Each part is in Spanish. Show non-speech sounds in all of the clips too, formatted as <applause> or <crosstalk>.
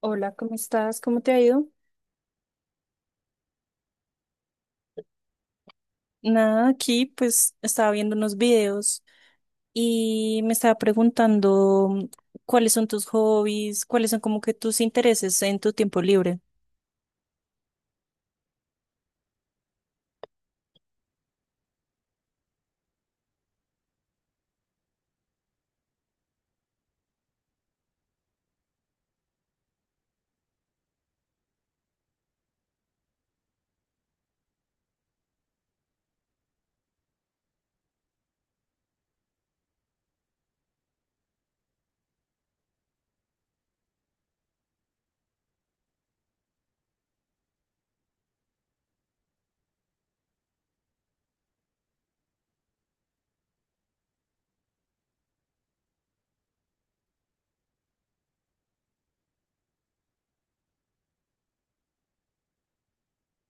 Hola, ¿cómo estás? ¿Cómo te ha ido? Nada, aquí pues estaba viendo unos videos y me estaba preguntando cuáles son tus hobbies, cuáles son como que tus intereses en tu tiempo libre.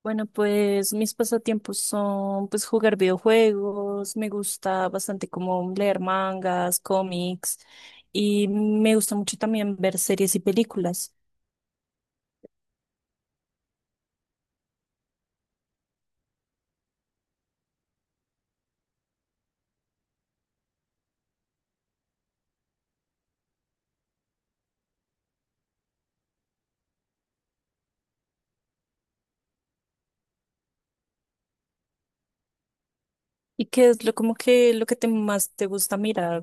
Bueno, pues mis pasatiempos son pues jugar videojuegos, me gusta bastante como leer mangas, cómics y me gusta mucho también ver series y películas. ¿Y qué es lo como que lo que te más te gusta mirar?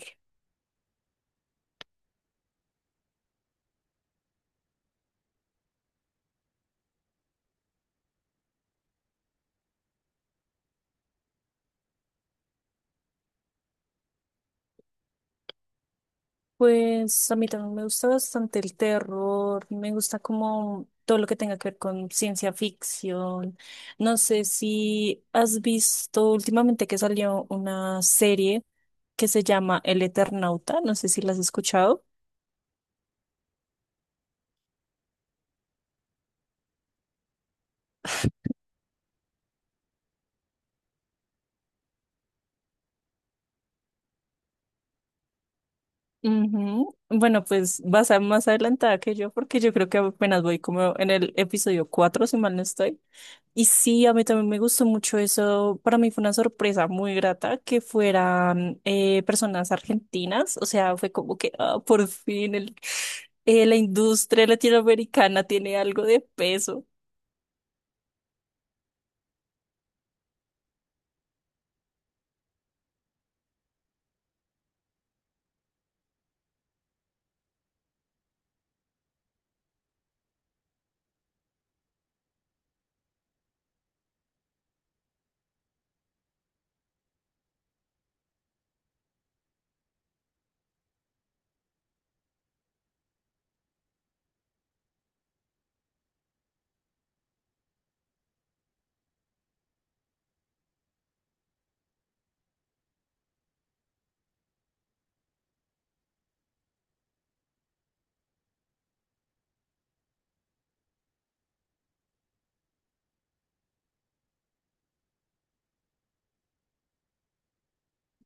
Pues a mí también me gusta bastante el terror, me gusta como todo lo que tenga que ver con ciencia ficción. No sé si has visto últimamente que salió una serie que se llama El Eternauta, no sé si la has escuchado. Ujú. Bueno, pues vas a más adelantada que yo porque yo creo que apenas voy como en el episodio 4 si mal no estoy. Y sí, a mí también me gustó mucho eso. Para mí fue una sorpresa muy grata que fueran personas argentinas. O sea, fue como que ah, por fin la industria latinoamericana tiene algo de peso.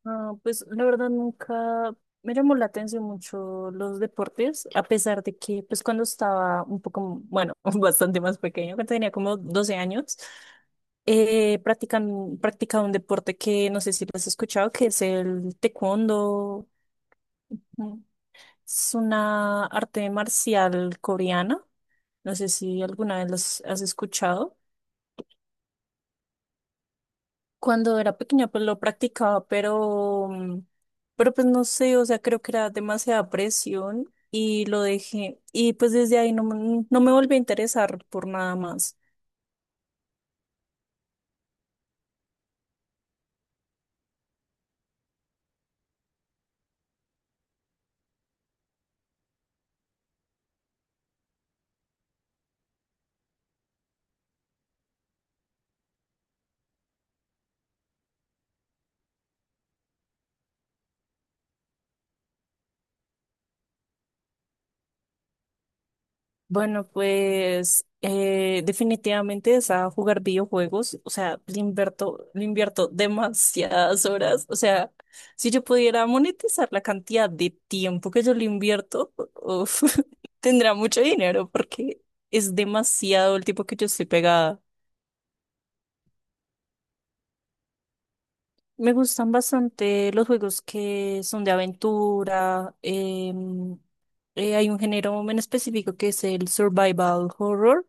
Ah, pues la verdad nunca me llamó la atención mucho los deportes, a pesar de que pues cuando estaba un poco, bueno, <laughs> bastante más pequeño, cuando tenía como 12 años, practicaba un deporte que no sé si lo has escuchado, que es el taekwondo. Mm, Es una arte marcial coreana, no sé si alguna vez los has escuchado. Cuando era pequeña, pues lo practicaba, pero, pero pues no sé, o sea, creo que era demasiada presión y lo dejé. Y pues desde ahí no, no me volví a interesar por nada más. Bueno, pues definitivamente es a jugar videojuegos, o sea, le invierto demasiadas horas, o sea, si yo pudiera monetizar la cantidad de tiempo que yo le invierto, uf, <laughs> tendría mucho dinero porque es demasiado el tiempo que yo estoy pegada. Me gustan bastante los juegos que son de aventura. Hay un género en específico que es el survival horror,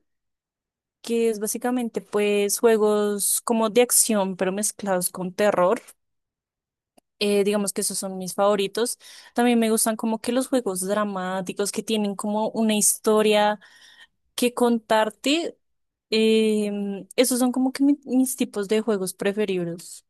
que es básicamente pues juegos como de acción, pero mezclados con terror. Digamos que esos son mis favoritos. También me gustan como que los juegos dramáticos que tienen como una historia que contarte. Esos son como que mis tipos de juegos preferidos.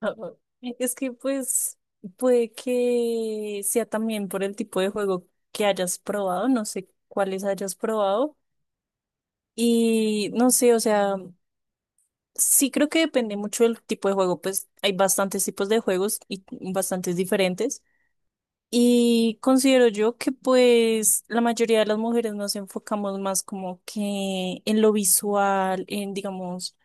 Ah, ah. Es que pues puede que sea también por el tipo de juego que hayas probado, no sé cuáles hayas probado. Y no sé, o sea, sí creo que depende mucho del tipo de juego, pues hay bastantes tipos de juegos y bastantes diferentes. Y considero yo que pues la mayoría de las mujeres nos enfocamos más como que en lo visual, en digamos,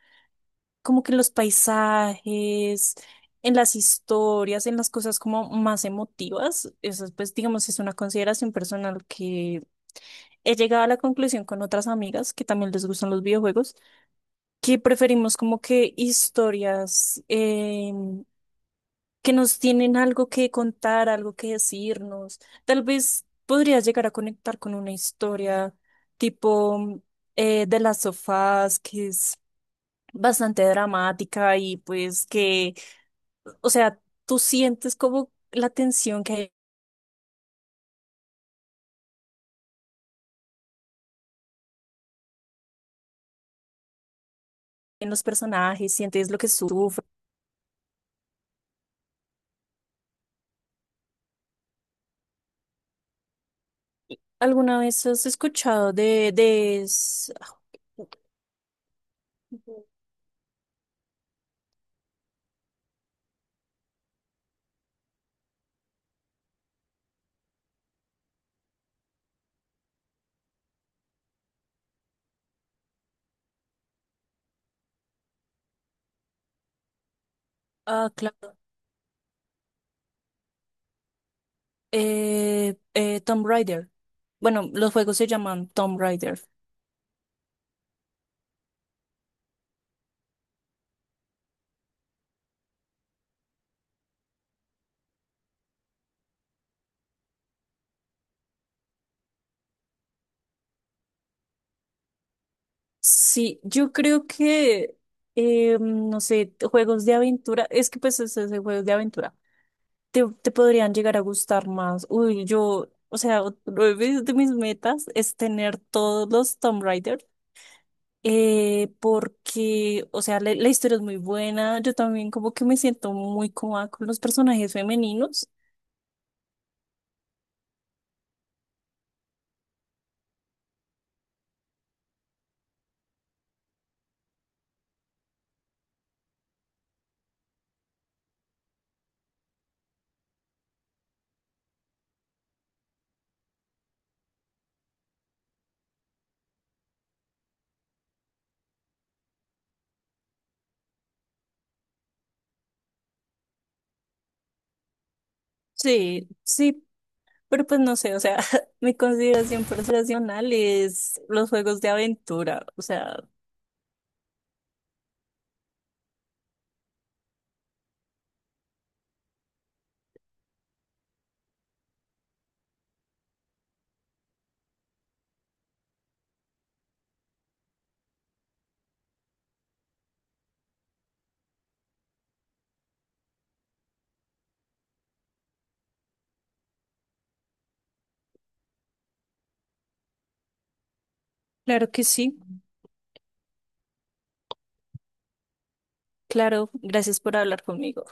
como que en los paisajes, en las historias, en las cosas como más emotivas. Eso pues digamos es una consideración personal que he llegado a la conclusión con otras amigas que también les gustan los videojuegos, que preferimos como que historias. Que nos tienen algo que contar, algo que decirnos. Tal vez podrías llegar a conectar con una historia tipo de las sofás, que es bastante dramática y pues que, o sea, tú sientes como la tensión que hay en los personajes, sientes lo que sufren. ¿Alguna vez has escuchado de... es- Ah, claro. Tomb Raider. Bueno, los juegos se llaman Tomb Raider. Sí, yo creo que, no sé, juegos de aventura, es que pues es esos juegos de aventura te, te podrían llegar a gustar más. Uy, yo, o sea, otro de mis metas es tener todos los Tomb Raider, porque, o sea, la historia es muy buena, yo también como que me siento muy cómoda con los personajes femeninos. Sí, sí, pero pues no sé, o sea, <laughs> mi consideración personal es los juegos de aventura, o sea, claro que sí. Claro, gracias por hablar conmigo.